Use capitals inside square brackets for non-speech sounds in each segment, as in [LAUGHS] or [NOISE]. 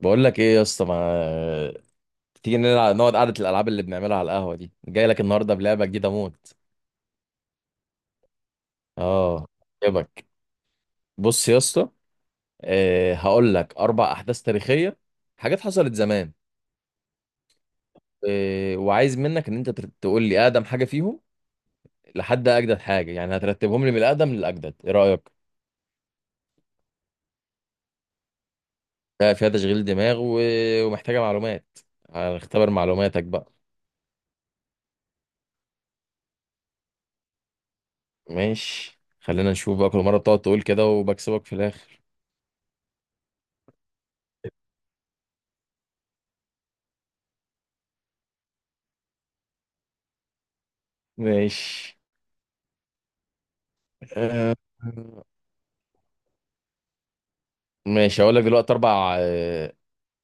بقول لك ايه يا اسطى؟ ما تيجي نلعب، نقعد قعدة الالعاب اللي بنعملها على القهوة دي، جاي لك النهارده بلعبة جديدة موت. اه، يبك، بص يا اسطى، آه، هقول لك اربع احداث تاريخية، حاجات حصلت زمان. آه، وعايز منك ان انت تقول لي اقدم حاجة فيهم لحد اجدد حاجة، يعني هترتبهم لي من الاقدم للاجدد، ايه رأيك؟ ده فيها تشغيل دماغ ومحتاجة معلومات، هنختبر معلوماتك بقى. ماشي، خلينا نشوف بقى، كل مرة بتقعد تقول كده وبكسبك في الاخر. ماشي، آه، ماشي هقول لك دلوقتي اربع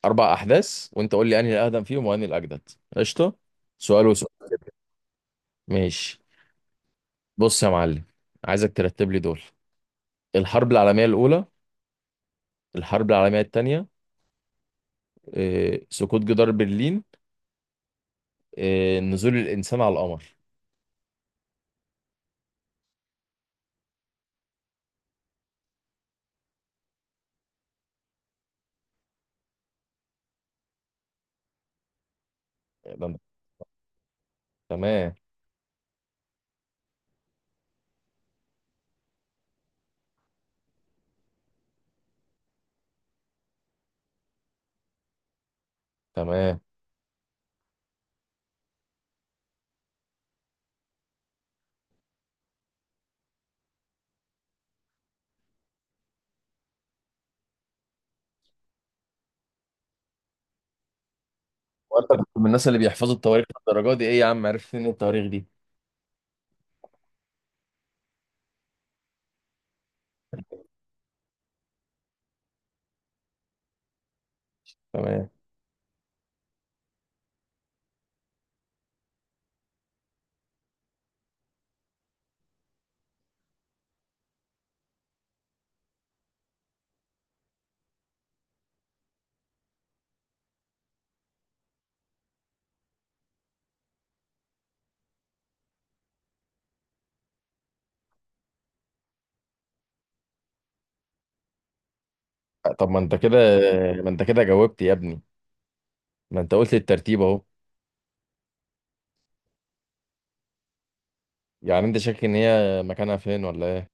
اربع احداث، وانت قول لي انهي الاقدم فيهم وانهي الاجدد. قشطه، سؤال وسؤال، ماشي. بص يا معلم، عايزك ترتب لي دول: الحرب العالميه الاولى، الحرب العالميه الثانيه، سقوط جدار برلين، نزول الانسان على القمر. ده أنت- تمام، تمام. وانت كنت من الناس اللي بيحفظوا التواريخ للدرجه دي؟ ايه يا عم، عرفت ان التواريخ دي؟ تمام. طب ما انت كده، ما انت كده جاوبت يا ابني، ما انت قلت الترتيب اهو. يعني انت شاكك ان هي مكانها فين ولا ايه؟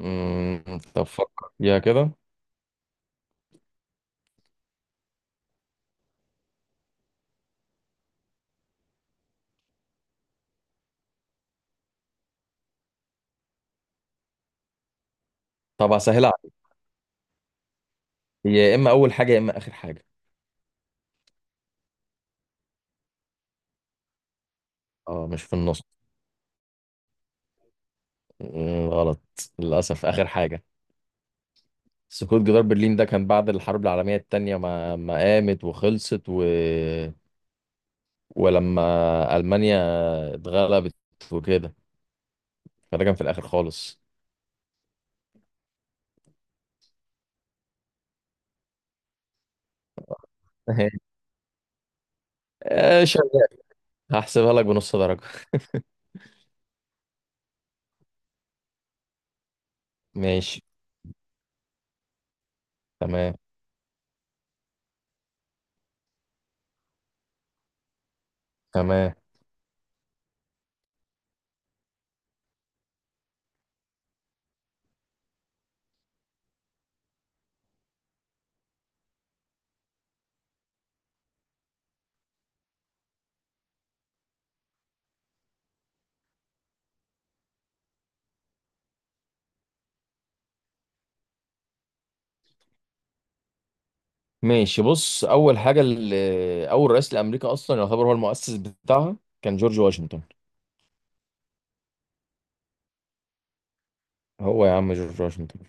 امم، طب فكر فيها كده. طب هسهلها عليك. هي يا اما اول حاجه يا اما اخر حاجه. اه، مش في النص. مم، غلط، للاسف اخر حاجه. سقوط جدار برلين ده كان بعد الحرب العالميه التانية ما قامت وخلصت ولما المانيا اتغلبت وكده، فده كان في الاخر خالص. [LAUGHS] آه، شغال، هحسبها لك بنص درجه. ماشي، تمام، تمام، ماشي. بص، اول حاجه، اللي اول رئيس لامريكا اصلا يعتبر هو المؤسس بتاعها كان جورج واشنطن. هو يا عم جورج واشنطن،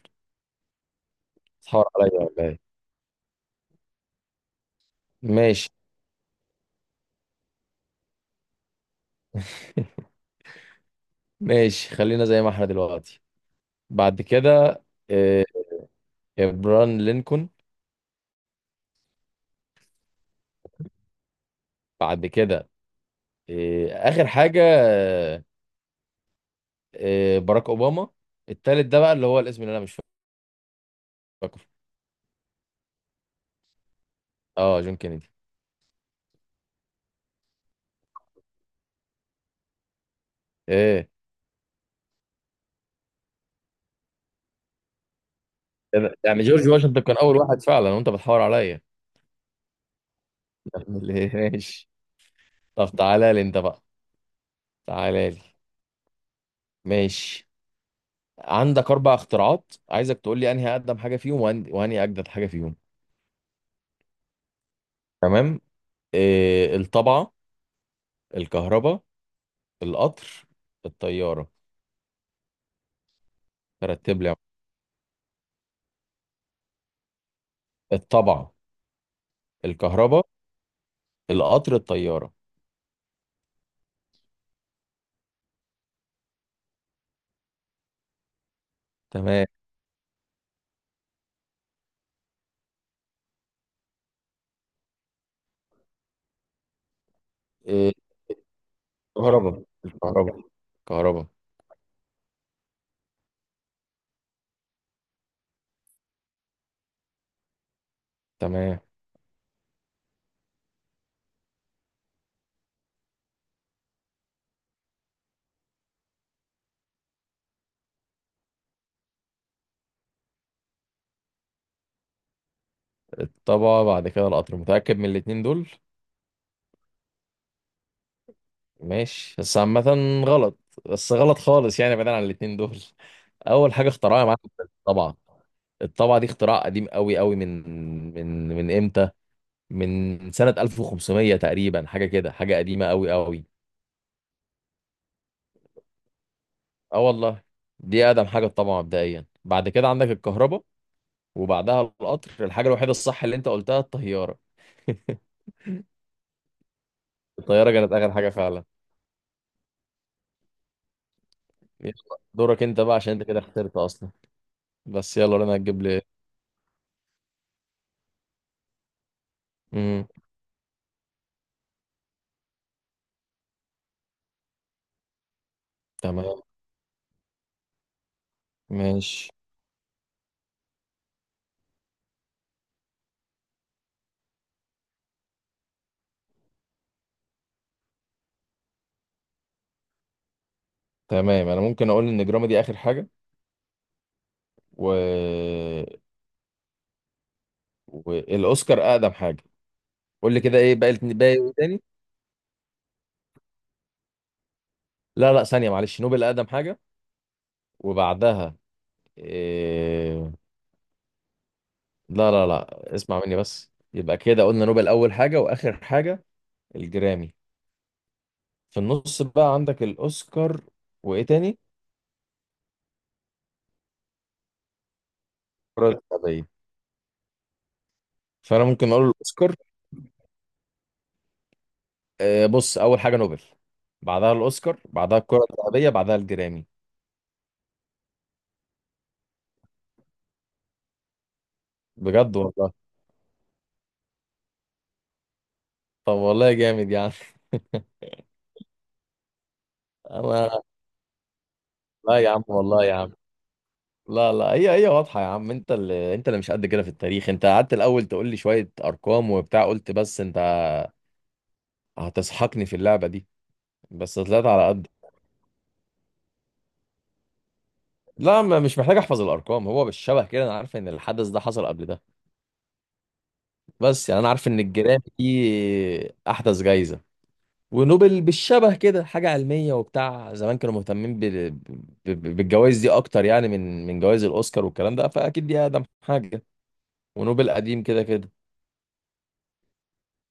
تحور عليا ولا ايه؟ ماشي [LAUGHS] ماشي، خلينا زي ما احنا دلوقتي، بعد كده آه، ابران لينكولن، بعد كده اخر حاجه باراك اوباما. التالت ده بقى اللي هو الاسم اللي انا مش فاكره. اه، جون كينيدي. ايه؟ إيه، يعني جورج واشنطن كان اول واحد فعلا وانت بتحور عليا؟ [LAUGHS] ماشي. طب تعالى لي انت بقى، تعالى لي. ماشي، عندك اربع اختراعات، عايزك تقول لي انهي اقدم حاجه فيهم وانهي اجدد حاجه فيهم. تمام، إيه، الطبعه، الكهرباء، القطر، الطياره، رتب لي يا عم. الطبعه، الكهرباء، القطر، الطياره، تمام، إيه، الكهرباء، الكهرباء، الكهرباء، تمام. الطبعه بعد كده القطر، متاكد من الاتنين دول؟ ماشي، بس عامه غلط، بس غلط خالص، يعني بعيدا عن الاتنين دول، اول حاجه اخترعها يا معلم الطبعه. الطابعة دي اختراع قديم قوي قوي، من امتى؟ من سنة 1500 تقريبا، حاجة كده، حاجة قديمة قوي قوي. اه والله، دي أقدم حاجة الطابعة مبدئيا، بعد كده عندك الكهرباء، وبعدها القطر، الحاجة الوحيدة الصح اللي انت قلتها الطيارة. [LAUGHS] الطيارة كانت آخر حاجة فعلا. يلا، دورك انت بقى عشان انت كده خسرت أصلا، بس يلا رنا هتجيب لي. امم، تمام، ماشي. تمام، انا ممكن اقول ان جرامي دي اخر حاجة، و... والاوسكار اقدم حاجة. قول لي كده، ايه باقي باقي، إيه تاني؟ لا لا، ثانية معلش، نوبل أقدم حاجة، وبعدها إيه... لا لا لا، اسمع مني بس، يبقى كده قلنا نوبل أول حاجة وآخر حاجة الجرامي، في النص بقى عندك الأوسكار وإيه تاني؟ الكرة الذهبية. فأنا ممكن أقول الأوسكار، إيه، بص، أول حاجة نوبل، بعدها الأوسكار، بعدها الكرة الذهبية، بعدها الجرامي. بجد والله. طب والله جامد يعني [LAUGHS] أنا، لا يا عم والله يا عم، لا لا، هي هي واضحة يا عم، انت اللي انت مش قد كده في التاريخ، انت قعدت الاول تقول لي شوية ارقام وبتاع، قلت بس انت هتسحقني في اللعبة دي، بس طلعت على قد. لا، ما مش محتاج احفظ الارقام، هو بالشبه كده انا عارف ان الحدث ده حصل قبل ده، بس يعني انا عارف ان الجيران دي احدث جايزة. ونوبل بالشبه كده حاجة علمية وبتاع، زمان كانوا مهتمين بالجوائز دي اكتر، يعني من جوائز الاوسكار والكلام ده، فاكيد دي اقدم حاجة، ونوبل قديم كده كده،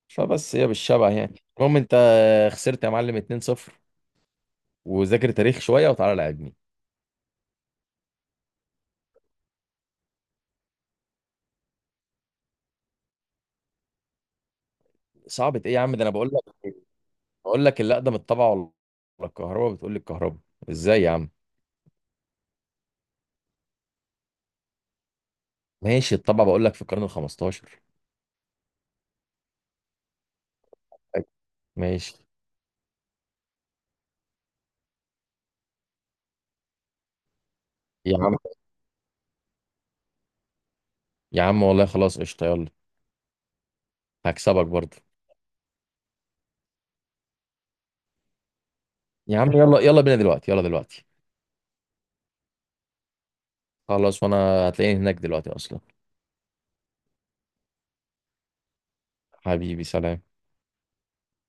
فبس هي بالشبع يعني، المهم انت خسرت يا معلم 2-0، وذاكر تاريخ شويه وتعالى لعبني. صعبة ايه يا عم، ده انا بقول لك اللي اقدم الطبعه ولا الكهرباء، بتقول لي الكهرباء، ازاي يا عم؟ ماشي، الطبعه بقول لك في القرن ال 15. ماشي يا عم، يا عم والله خلاص قشطه، يلا هكسبك برضه. يا عم يلا، يلا بينا دلوقتي، يلا دلوقتي. خلاص، وانا هتلاقيني هناك دلوقتي اصلا. حبيبي سلام.